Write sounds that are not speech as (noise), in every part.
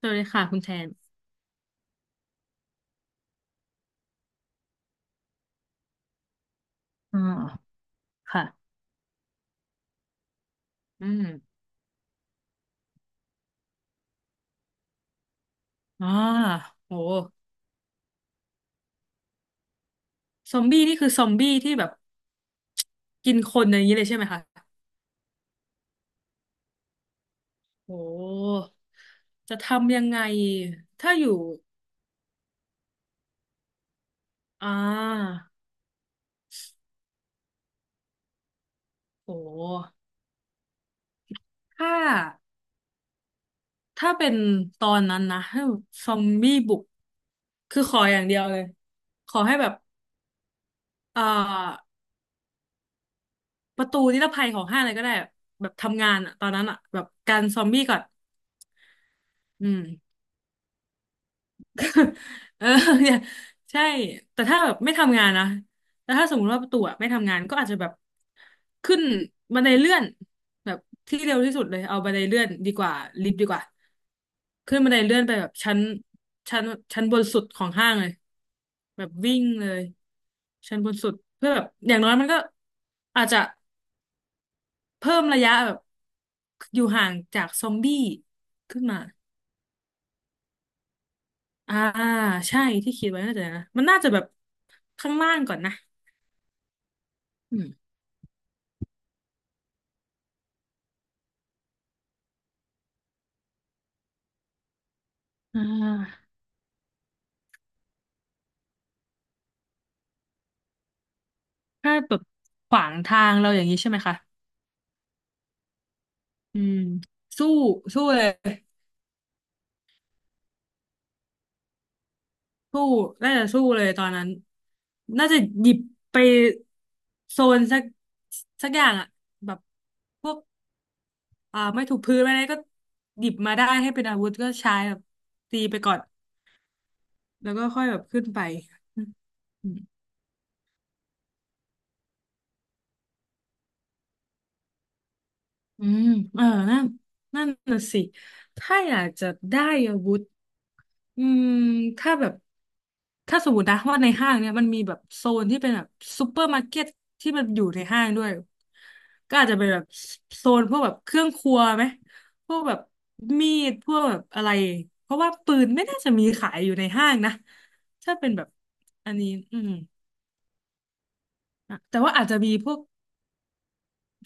สวัสดีค่ะคุณแทนอ่าค่ะอืมอ่าโหซอมบี้นี่คือซอมบี้ที่แบบกินคนอย่างนี้เลยใช่ไหมคะโหจะทำยังไง ถ้าอยู่อ่าโหถ้าเป็นตอนนั้นนะถ้าซอมบี้บุก คือขออย่างเดียวเลย ขอให้แบบเอ่อประตูนิรภัยของห้างอะไรก็ได้แบบทำงานอะตอนนั้นอะแบบกันซอมบี้ก่อนอืม เออ (laughs) เนี่ยใช่แต่ถ้าแบบไม่ทำงานนะแต่ถ้าสมมติว่าประตูอะไม่ทำงานก็อาจจะแบบขึ้นบันไดเลื่อนแบบที่เร็วที่สุดเลยเอาบันไดเลื่อนดีกว่าลิฟต์ดีกว่าขึ้นบันไดเลื่อนไปแบบชั้นชั้นบนสุดของห้างเลยแบบวิ่งเลยชั้นบนสุดเพื่อแบบอย่างน้อยมันก็อาจจะเพิ่มระยะแบบอยู่ห่างจากซอมบี้ขึ้นมาอ่าใช่ที่คิดไว้น่าจะนะมันน่าจะแบบข้างล่างก่อนนะ อืมอ่าถ้าแบบขวางทางเราอย่างนี้ใช่ไหมคะ อืม สู้ สู้เลย สู้น่าจะสู้เลยตอนนั้น น่าจะหยิบไปโซนสักอย่างอะแบบพวกอ่าไม่ถูกพื้นไม่ได้ก็หยิบมาได้ให้เป็นอาวุธก็ใช้แบบตีไปก่อนแล้วก็ค่อยแบบขึ้นไป อืมเออนั่นนั่นน่ะสิถ้าอยากจะได้อาวุธอืมถ้าแบบถ้าสมมตินะว่าในห้างเนี่ยมันมีแบบโซนที่เป็นแบบซูเปอร์มาร์เก็ตที่มันอยู่ในห้างด้วยก็อาจจะเป็นแบบโซนพวกแบบเครื่องครัวไหมพวกแบบมีดพวกแบบอะไรเพราะว่าปืนไม่น่าจะมีขายอยู่ในห้างนะถ้าเป็นแบบอันนี้อืมอ่ะแต่ว่าอาจจะมีพวก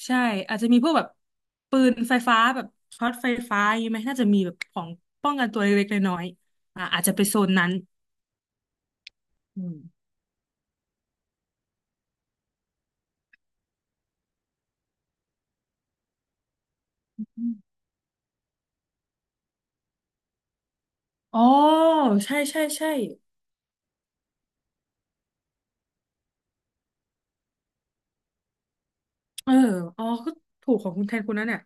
ใช่อาจจะมีพวกแบบปืนไฟฟ้าแบบช็อตไฟฟ้าอย่างงี้ไหมน่าจะมีแบบของป้องกันตัวเล็กๆน้อยๆอ่าอาจจะไปโซนนั้นอืมอืมอ๋อใช่ใช่ใช่เอออ๋อก็ถูกของคุณแทนคุณนั่นเนี่ย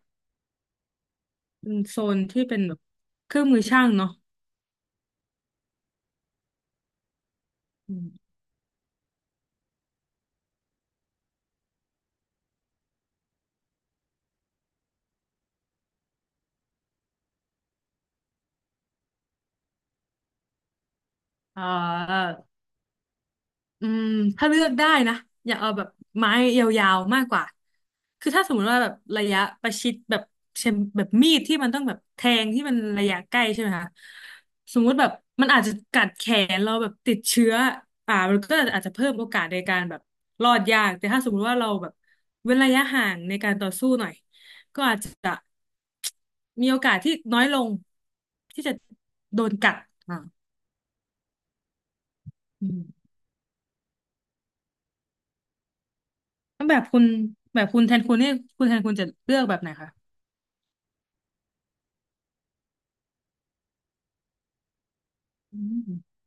เป็นโซนที่เป็นแบบเครื่องมือช่างเนาะอืมอ่า อืมถ้าเลือกได้นะอยากเอาแบบไม้ยาวๆมากกว่าคือถ้าสมมติว่าแบบระยะประชิดแบบเช่นแบบมีดที่มันต้องแบบแทงที่มันระยะใกล้ใช่ไหมคะสมมุติแบบมันอาจจะกัดแขนเราแบบติดเชื้ออ่ามันก็อาจจะเพิ่มโอกาสในการแบบรอดยากแต่ถ้าสมมุติว่าเราแบบเว้นระยะห่างในการต่อสู้หน่อยก็อาจจะมีโอกาสที่น้อยลงที่จะโดนกัดอ่าอืม แล้วแบบคุณแบบคุณแทนคุณเนี่ยคุณแทนคุณจะเลือกแบบไหนคะอืม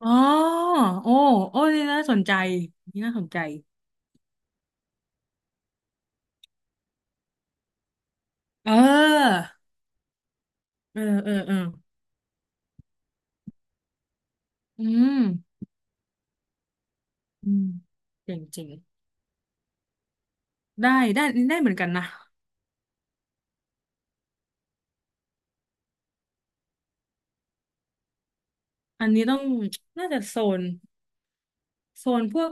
อ๋อโอ้โอ้ นี่น่าสนใจ นี่น่าสนใจ เออ เออ เออเอออืมอืมเจ๋งจริง ได้ได้ได้เหมือนกันนะ อันนี้ต้องน่าจะโซนพวก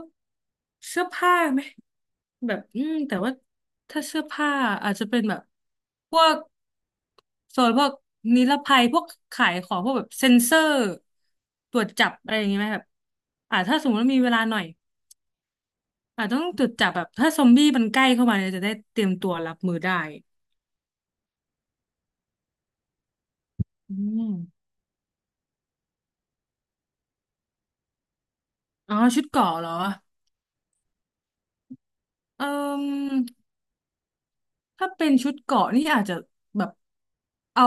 เสื้อผ้าไหม แบบอืมแต่ว่าถ้าเสื้อผ้าอาจจะเป็นแบบพวกโซนพวกนิรภัยพวกขายของพวกแบบเซ็นเซอร์ตรวจจับอะไรอย่างเงี้ยไหมแบบอ่าถ้าสมมติว่ามีเวลาหน่อยอาจต้องตรวจจับแบบถ้าซอมบี้มันใกล้เข้ามาเนี่ยจะได้เตรียมตัวรับมือได้อืมอ๋อชุดเกราะเหรอเออ ถ้าเป็นชุดเกราะนี่อาจจะแบบเอา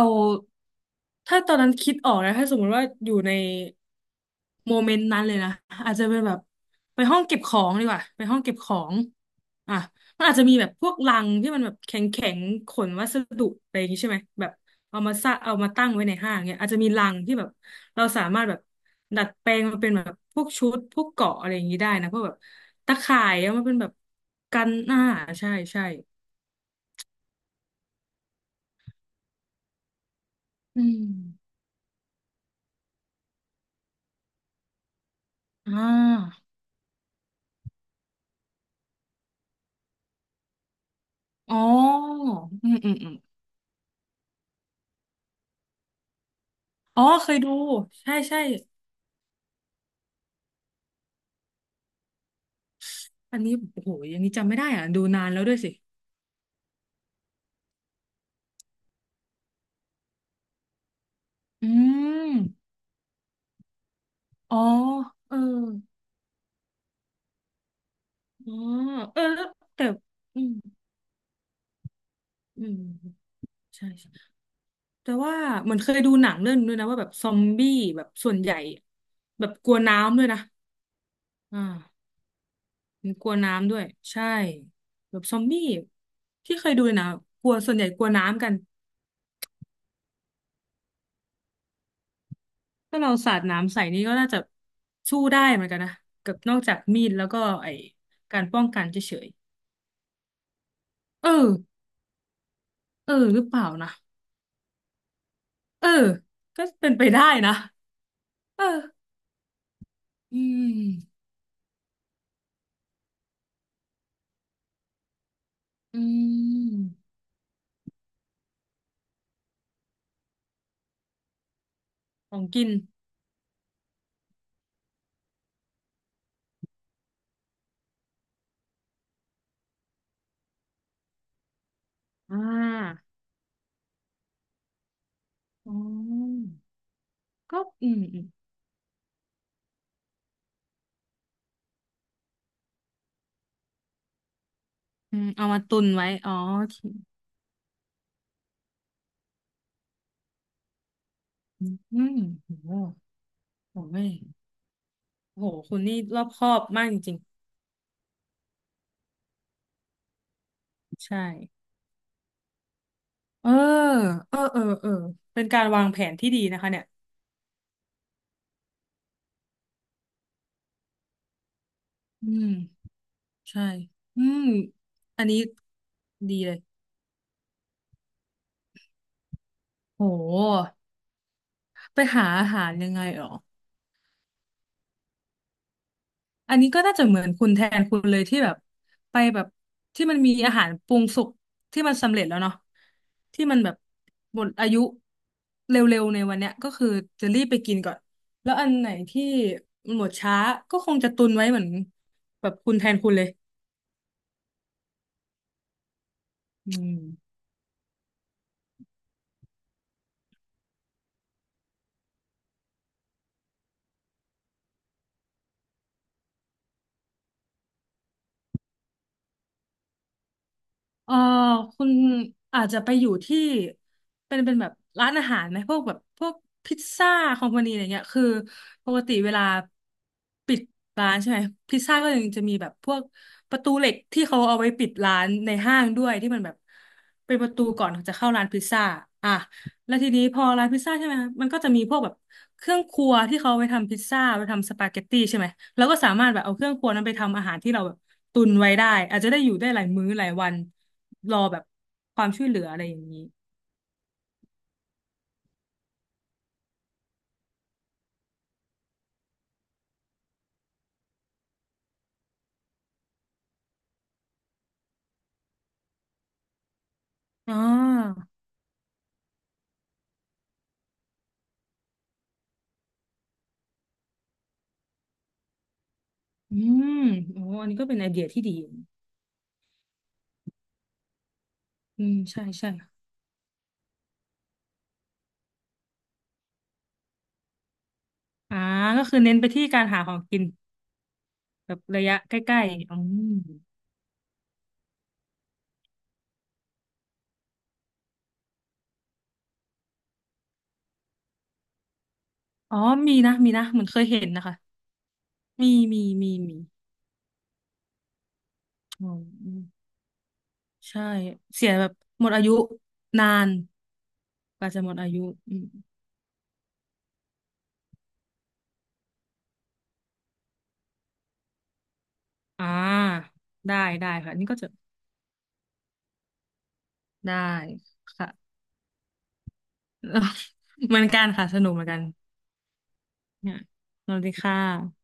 ถ้าตอนนั้นคิดออกนะถ้าสมมติว่าอยู่ในโมเมนต์นั้นเลยนะอาจจะเป็นแบบไปห้องเก็บของดีกว่าไปห้องเก็บของอ่ะมันอาจจะมีแบบพวกลังที่มันแบบแข็งแข็งขนวัสดุอะไรอย่างงี้ใช่ไหมแบบเอามาซะเอามาตั้งไว้ในห้างเนี่ยอาจจะมีลังที่แบบเราสามารถแบบดัดแปลงมาเป็นแบบพวกชุดพวกเกราะอะไรอย่างนี้ได้นะพวกแบบตะข่ายเอามาเป็นแบบกันหน้าใช่ใช่อืม อ่าอ๋ออืมอืมอืมอ๋อเคยดูใช่ใช่อันนี้โอ้โหอย่างนี้จำไม่ได้อ่ะดูนานแล้วด้วยสิอืมอ๋อเอออ๋อเออแต่อืมอืมใช่ใช่แต่ว่าเหมือนเคยดูหนังเรื่องนึงด้วยนะว่าแบบซอมบี้แบบส่วนใหญ่แบบกลัวน้ำด้วยนะอ่ามันกลัวน้ำด้วยใช่แบบซอมบี้ที่เคยดูนะกลัวส่วนใหญ่กลัวน้ำกัน ถ้าเราสาดน้ำใส่นี่ก็น่าจะสู้ได้เหมือนกันนะกับนอกจากมีดแล้วก็ไอ้การป้องกันเฉยๆเออเออหรือเปล่านะเออก็เป็นไปได้นะเอออืมอืมของกินอ่าอ๋อก็อืมอืมอืมเอามาตุนไว้อ๋อโอเคอืมโหโหโอ้ยโโหคุณนี่รอบคอบมากจริงๆใช่เออเออเออเออเป็นการวางแผนที่ดีนะคะเนี่ยอืม ใช่อืมอันนี้ดีเลย โห ไปหาอาหารยังไงหรออันนี้ก็น่าจะเหมือนคุณแทนคุณเลยที่แบบไปแบบที่มันมีอาหารปรุงสุกที่มันสำเร็จแล้วเนาะที่มันแบบหมดอายุเร็วๆในวันเนี้ยก็คือจะรีบไปกินก่อนแล้วอันไหนที่หมดช้าก็คงจะตุนไว้เหมือนแบบคุณแทนคุณเลยอืม เออคุณอาจจะไปอยู่ที่เป็นเป็นแบบร้านอาหารไหมพวกแบบพวกพิซซ่าคอมพานีอะไรเงี้ยคือปกติเวลาปิดร้านใช่ไหมพิซซ่าก็ยังจะมีแบบพวกประตูเหล็กที่เขาเอาไว้ปิดร้านในห้างด้วยที่มันแบบเป็นประตูก่อนจะเข้าร้านพิซซ่าอ่ะแล้วทีนี้พอร้านพิซซ่าใช่ไหมคะมันก็จะมีพวกแบบเครื่องครัวที่เขาเอาไปทำพิซซ่าไปทำสปาเกตตี้ใช่ไหมแล้วก็สามารถแบบเอาเครื่องครัวนั้นไปทำอาหารที่เราแบบตุนไว้ได้อาจจะได้อยู่ได้หลายมื้อหลายวัน รอแบบความช่วยเหลืออะไรอย่างนี้อ่าอืมโอ้อันนี้ก็เป็นไอเดียที่ดีอืมใช่ใช่อ่าก็คือเน้นไปที่การหาของกินแบบระยะใกล้ๆอืมอ๋อมีนะ มีนะ เหมือนเคยเห็นนะคะ มีมีมีมีอ๋ออืมใช่ เสียแบบหมดอายุนานกว่าจะหมดอายุอืมอ่าได้ได้ค่ะนี่ก็จะได้ค่ะ (laughs) เหมือนกันค่ะ สนุกเหมือนกันเนี่ยสวัสดีค่ะ